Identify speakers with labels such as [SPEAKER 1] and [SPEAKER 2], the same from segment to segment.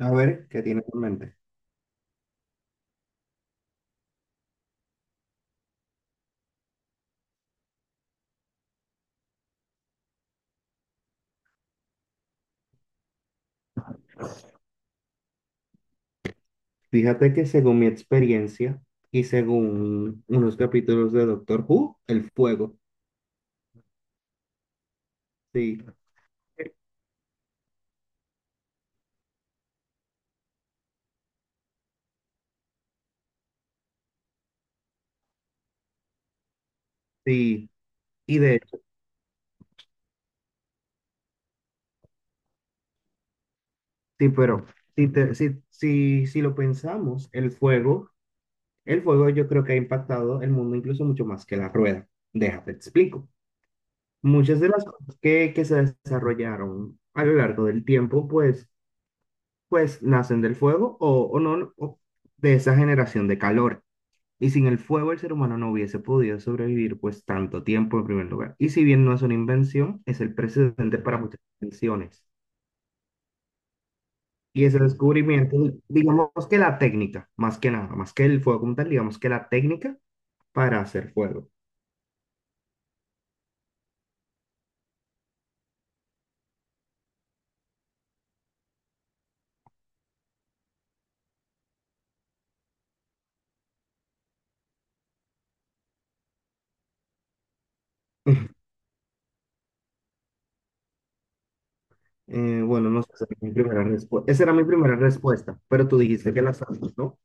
[SPEAKER 1] A ver, ¿qué tienes en mente? Fíjate que según mi experiencia y según unos capítulos de Doctor Who, el fuego. Sí, sí. Y de hecho, sí, pero si lo pensamos, el fuego yo creo que ha impactado el mundo incluso mucho más que la rueda. Déjate, te explico. Muchas de las cosas que se desarrollaron a lo largo del tiempo, pues, pues nacen del fuego o no, o de esa generación de calor. Y sin el fuego el ser humano no hubiese podido sobrevivir pues tanto tiempo en primer lugar. Y si bien no es una invención, es el precedente para muchas invenciones. Y ese descubrimiento, digamos que la técnica, más que nada, más que el fuego como tal, digamos que la técnica para hacer fuego. Bueno, no sé, esa era mi primera respuesta. Esa era mi primera respuesta, pero tú dijiste que las sabes, ¿no?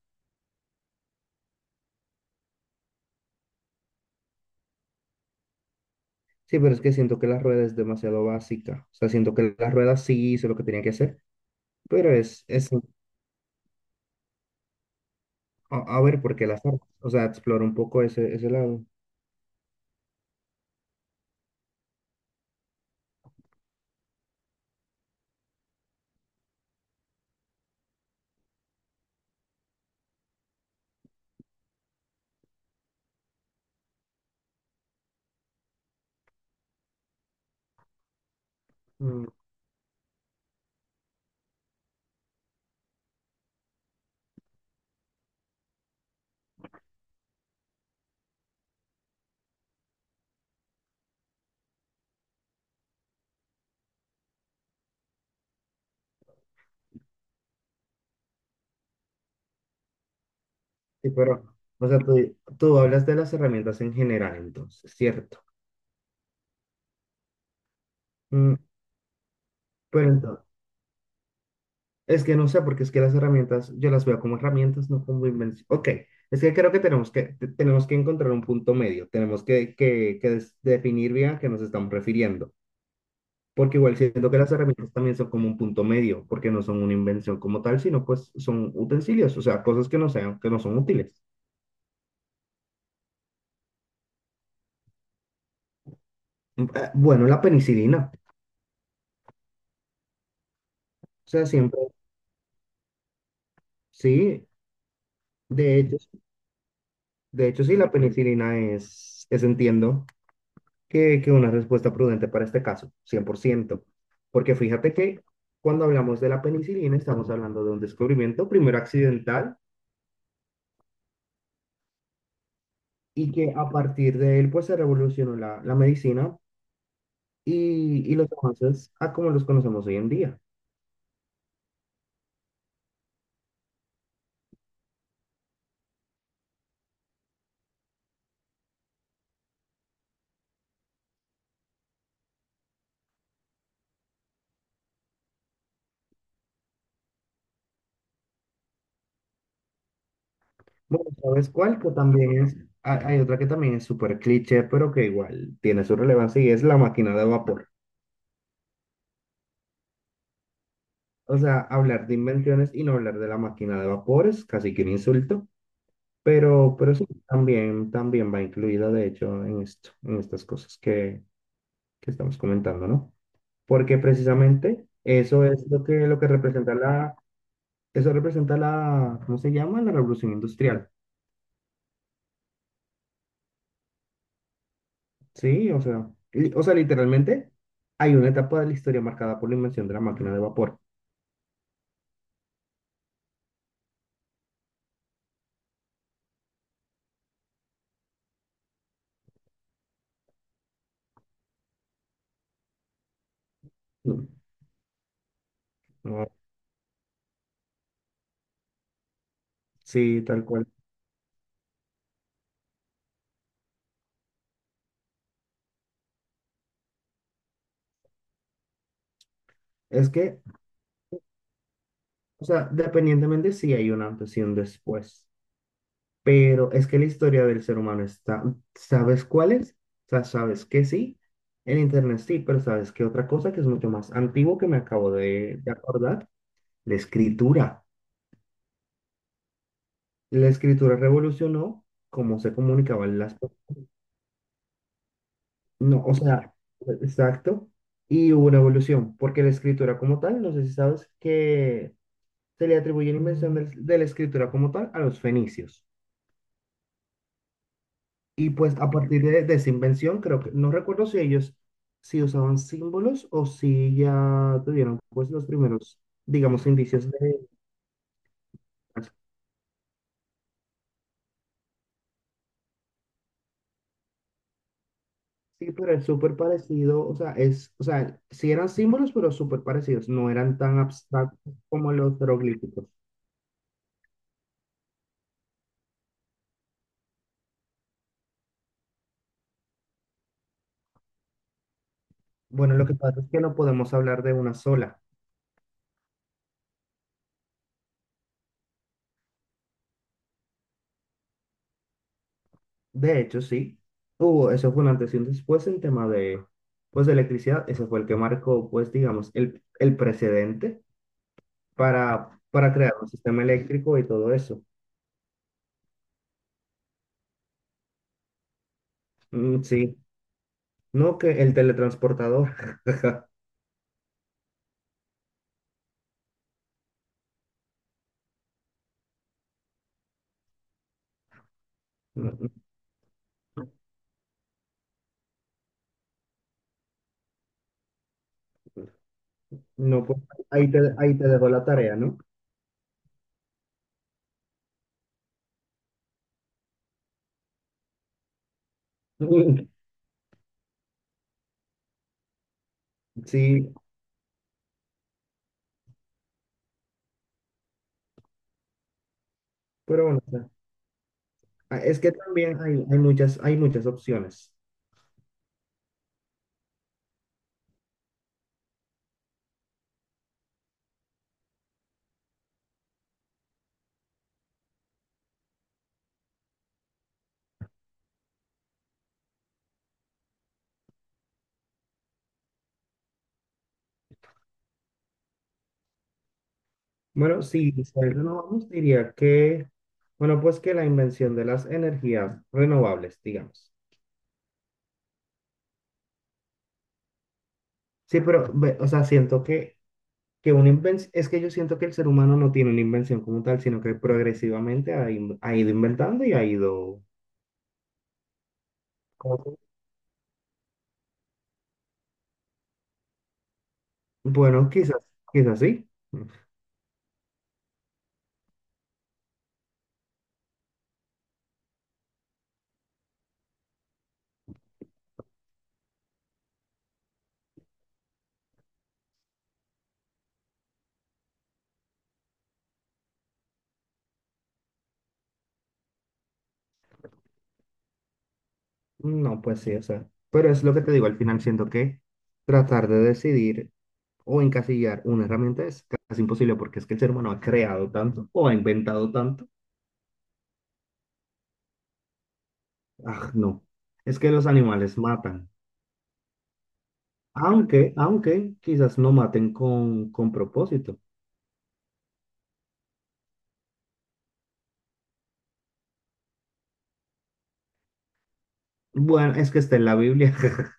[SPEAKER 1] Sí, pero es que siento que la rueda es demasiado básica. O sea, siento que la rueda sí hizo lo que tenía que hacer, pero es a ver porque las armas. O sea, explora un poco ese, ese lado. Mm. Sí, pero, o sea, tú hablas de las herramientas en general, entonces, ¿cierto? Mm, pero entonces, es que no sé, porque es que las herramientas, yo las veo como herramientas, no como invención. Ok, es que creo que tenemos que encontrar un punto medio, tenemos que definir bien a qué nos estamos refiriendo, porque igual siento que las herramientas también son como un punto medio, porque no son una invención como tal, sino pues son utensilios, o sea, cosas que no sean, que no son útiles. Bueno, la penicilina, o sea, siempre, sí. De hecho, de hecho, sí, la penicilina es, entiendo que una respuesta prudente para este caso, cien por ciento. Porque fíjate que cuando hablamos de la penicilina, estamos hablando de un descubrimiento primero accidental y que a partir de él, pues se revolucionó la, la medicina y los avances a como los conocemos hoy en día. Bueno, ¿sabes cuál? Que también es, hay otra que también es súper cliché, pero que igual tiene su relevancia y es la máquina de vapor. O sea, hablar de invenciones y no hablar de la máquina de vapores, casi que un insulto, pero sí, también, también va incluida, de hecho, en esto, en estas cosas que estamos comentando, ¿no? Porque precisamente eso es lo que representa la, eso representa la, ¿cómo se llama? La revolución industrial, ¿sí? O sea, li- o sea, literalmente hay una etapa de la historia marcada por la invención de la máquina de vapor. Mm. No, sí, tal cual. Es que, o sea, dependientemente si hay un antes y un después. Pero es que la historia del ser humano está, ¿sabes cuál es? O sea, sabes que sí, en internet sí, pero sabes que otra cosa que es mucho más antiguo que me acabo de acordar, la escritura. La escritura revolucionó cómo se comunicaban las personas. No, o sea, exacto. Y hubo una evolución, porque la escritura como tal, no sé si sabes que se le atribuye la invención del- de la escritura como tal a los fenicios. Y pues a partir de esa invención, creo que, no recuerdo si ellos si usaban símbolos o si ya tuvieron pues los primeros, digamos, indicios de... Sí, pero es súper parecido, o sea, es, o sea, sí eran símbolos, pero súper parecidos, no eran tan abstractos como los jeroglíficos. Bueno, lo que pasa es que no podemos hablar de una sola. De hecho, sí, hubo, eso fue un antes y un después en tema de, pues, de electricidad, ese fue el que marcó, pues, digamos, el precedente para crear un sistema eléctrico y todo eso. Mm, sí, no que el teletransportador. No, no, pues ahí te dejo la tarea, ¿no? Sí, pero bueno, o sea, ah, es que también hay, hay muchas opciones. Bueno, sí, si renovamos, diría que, bueno, pues que la invención de las energías renovables, digamos. Sí, pero, ve, o sea, siento que una invención, es que yo siento que el ser humano no tiene una invención como tal, sino que progresivamente ha, in- ha ido inventando y ha ido, ¿cómo que? Bueno, quizás, quizás sí. No, pues sí, o sea, pero es lo que te digo, al final siento que tratar de decidir o encasillar una herramienta es casi imposible porque es que el ser humano ha creado tanto o ha inventado tanto. Ah, no, es que los animales matan, aunque, aunque quizás no maten con propósito. Bueno, es que está en la Biblia.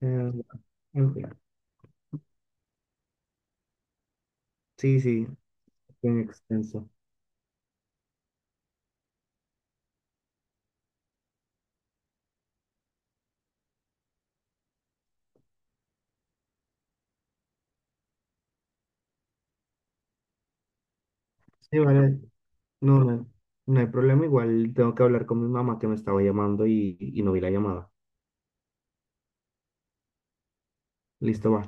[SPEAKER 1] Eh, en fin. Sí, sí, bien extenso. Sí, vale, no, no, no hay problema. Igual tengo que hablar con mi mamá que me estaba llamando y no vi la llamada. Listo, va.